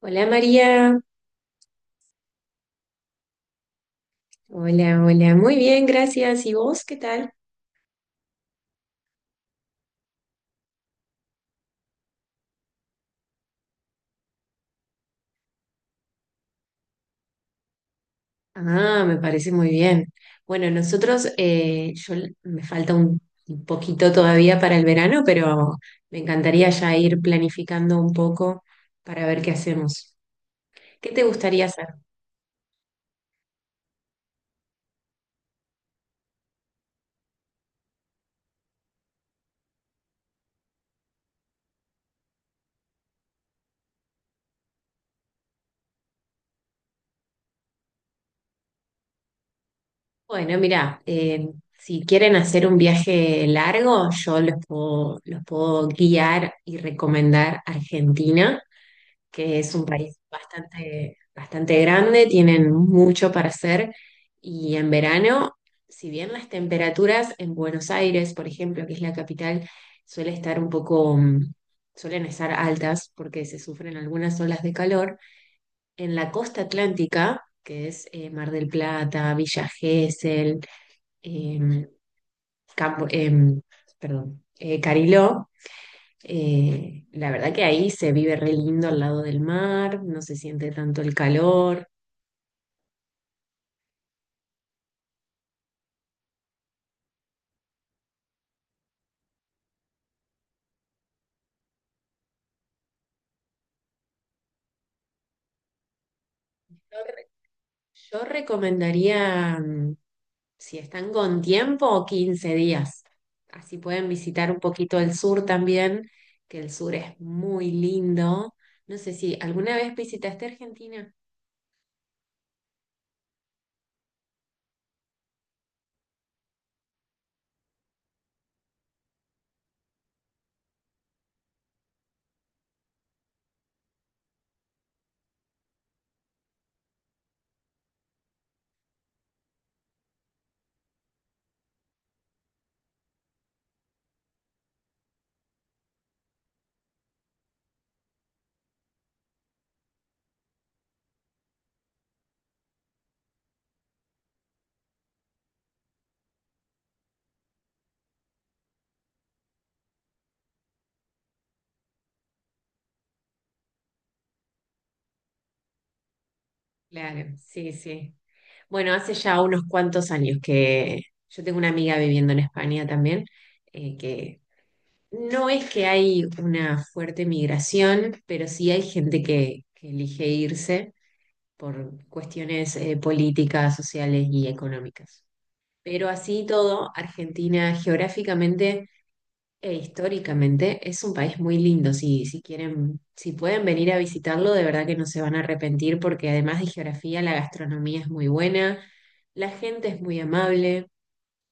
Hola María, hola, hola, muy bien, gracias. ¿Y vos qué tal? Ah, me parece muy bien. Bueno, nosotros, yo me falta un poquito todavía para el verano, pero me encantaría ya ir planificando un poco para ver qué hacemos. ¿Qué te gustaría hacer? Bueno, mira, si quieren hacer un viaje largo, yo los puedo guiar y recomendar Argentina, que es un país bastante grande, tienen mucho para hacer y en verano, si bien las temperaturas en Buenos Aires, por ejemplo, que es la capital, suele estar un poco, mm, suelen estar altas porque se sufren algunas olas de calor, en la costa atlántica, que es Mar del Plata, Villa Gesell, em, Campo- em, Cariló, la verdad que ahí se vive re lindo al lado del mar, no se siente tanto el calor. Yo, re- yo recomendaría, mm, si están con tiempo, 15 días. Así pueden visitar un poquito el sur también, que el sur es muy lindo. No sé si alguna vez visitaste Argentina. Claro, sí, sí. Bueno, hace ya unos cuantos años que yo tengo una amiga viviendo en España también, que no es que hay una fuerte migración, pero sí hay gente que elige irse por cuestiones políticas, sociales y económicas. Pero así y todo, Argentina geográficamente e históricamente es un país muy lindo. Si quieren, si pueden venir a visitarlo, de verdad que no se van a arrepentir porque además de geografía, la gastronomía es muy buena, la gente es muy amable,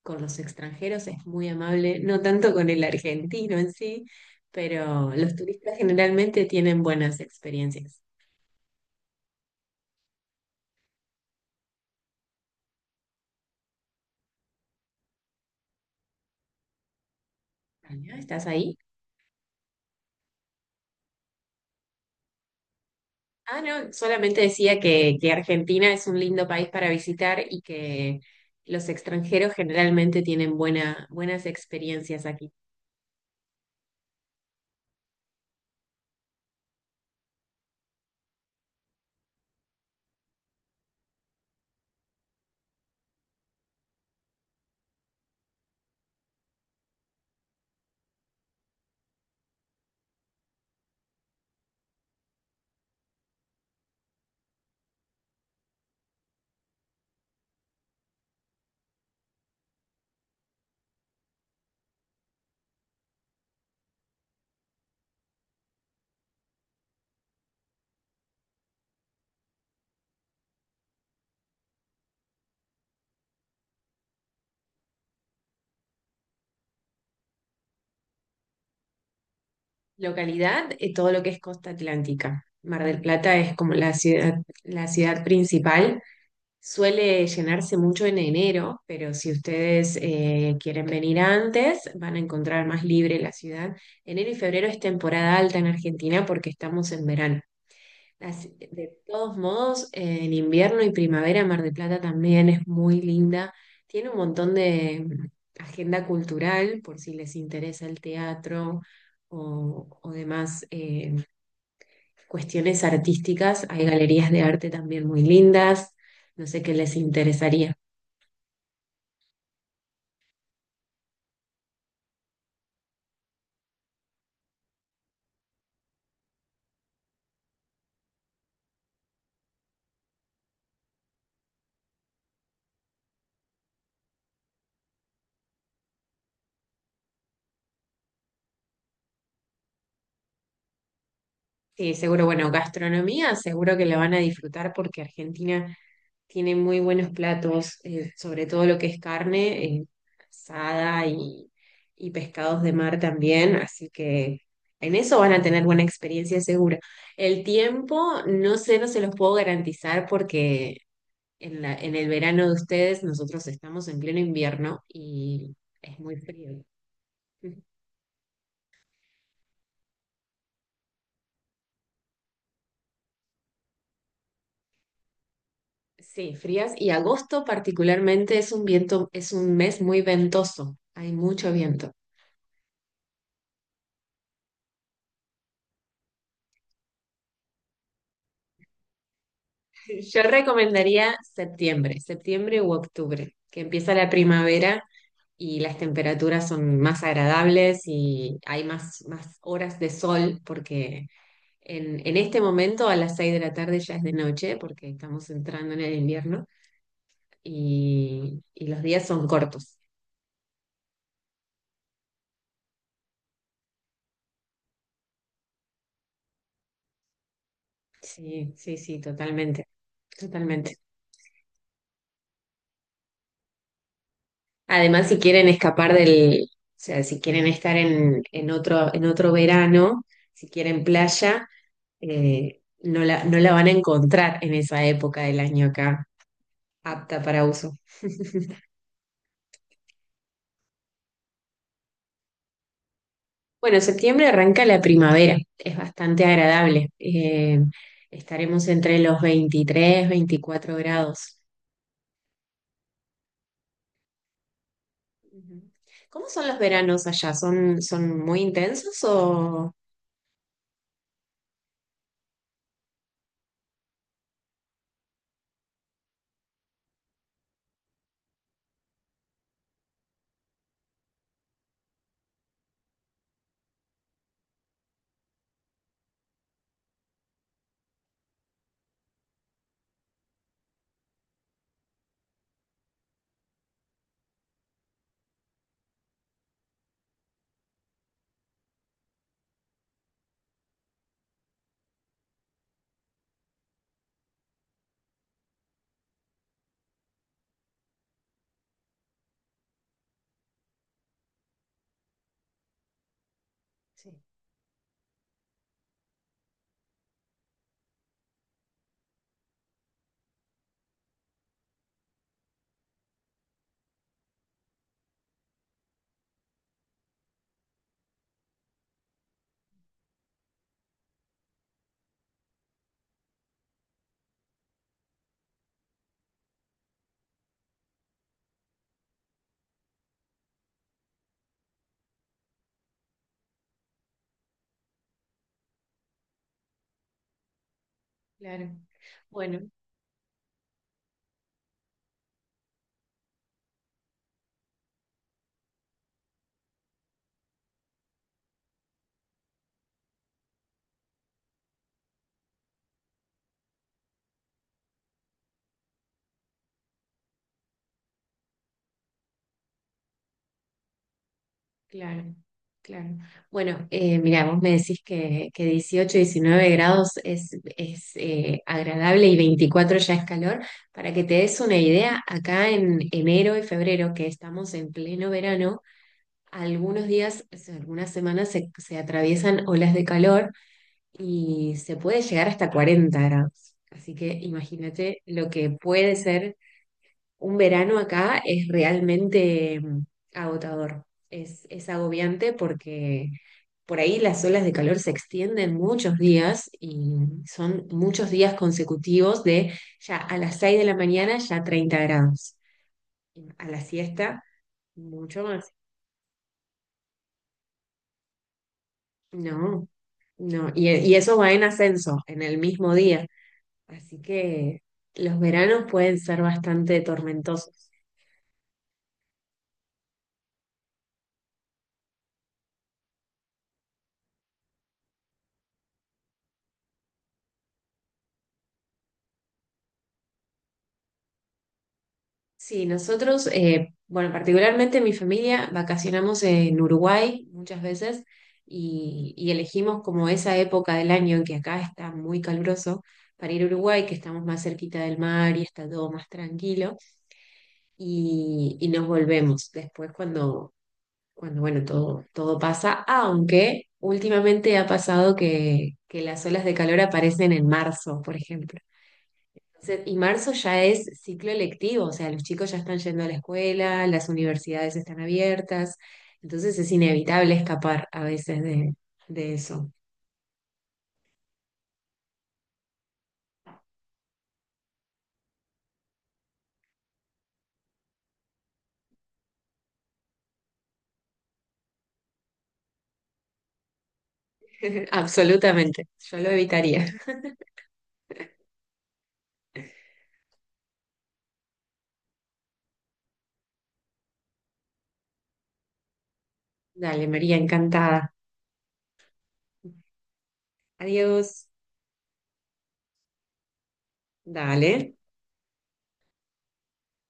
con los extranjeros es muy amable, no tanto con el argentino en sí, pero los turistas generalmente tienen buenas experiencias. Tania, ¿estás ahí? Ah, no, solamente decía que Argentina es un lindo país para visitar y que los extranjeros generalmente tienen buenas experiencias aquí. Localidad, todo lo que es costa atlántica. Mar del Plata es como la ciudad principal. Suele llenarse mucho en enero, pero si ustedes quieren venir antes, van a encontrar más libre la ciudad. Enero y febrero es temporada alta en Argentina porque estamos en verano. De todos modos, en invierno y primavera Mar del Plata también es muy linda. Tiene un montón de mm, agenda cultural por si les interesa el teatro o demás cuestiones artísticas. Hay galerías de arte también muy lindas. No sé qué les interesaría. Sí, seguro, bueno, gastronomía seguro que la van a disfrutar porque Argentina tiene muy buenos platos, sobre todo lo que es carne, asada y pescados de mar también, así que en eso van a tener buena experiencia segura. El tiempo, no sé, no se los puedo garantizar porque en el verano de ustedes nosotros estamos en pleno invierno y es muy frío. Sí, frías, y agosto particularmente es es un mes muy ventoso, hay mucho viento. Yo recomendaría septiembre, septiembre u octubre, que empieza la primavera y las temperaturas son más agradables y hay más horas de sol porque en este momento a las 6 de la tarde ya es de noche porque estamos entrando en el invierno y los días son cortos. Sí, sí, sí, totalmente, totalmente. Además, si quieren escapar del, o sea, si quieren estar en otro verano, si quieren playa, no la van a encontrar en esa época del año acá, apta para uso. Bueno, septiembre arranca la primavera, es bastante agradable. Eh, estaremos entre los 23, 24 grados. Ujú. ¿Cómo son los veranos allá? ¿Son, son muy intensos o...? Sí, claro. Bueno. Claro, claro. Bueno, mira, vos me decís que 18, 19 grados es agradable y 24 ya es calor. Para que te des una idea, acá en enero y febrero, que estamos en pleno verano, algunos días, o sea, algunas semanas se atraviesan olas de calor y se puede llegar hasta 40 grados. Así que imagínate lo que puede ser un verano acá, es realmente mm, agotador, es agobiante porque por ahí las olas de calor se extienden muchos días y son muchos días consecutivos de ya a las 6 de la mañana ya 30 grados, a la siesta mucho más. No, no, y eso va en ascenso en el mismo día, así que los veranos pueden ser bastante tormentosos. Sí, nosotros, bueno, particularmente mi familia, vacacionamos en Uruguay muchas veces y elegimos como esa época del año en que acá está muy caluroso para ir a Uruguay, que estamos más cerquita del mar y está todo más tranquilo y nos volvemos después cuando, cuando bueno, todo, todo pasa, aunque últimamente ha pasado que las olas de calor aparecen en marzo, por ejemplo. Y marzo ya es ciclo electivo, o sea, los chicos ya están yendo a la escuela, las universidades están abiertas, entonces es inevitable escapar a veces de eso. Absolutamente, yo lo evitaría. Dale, María, encantada. Adiós. Dale.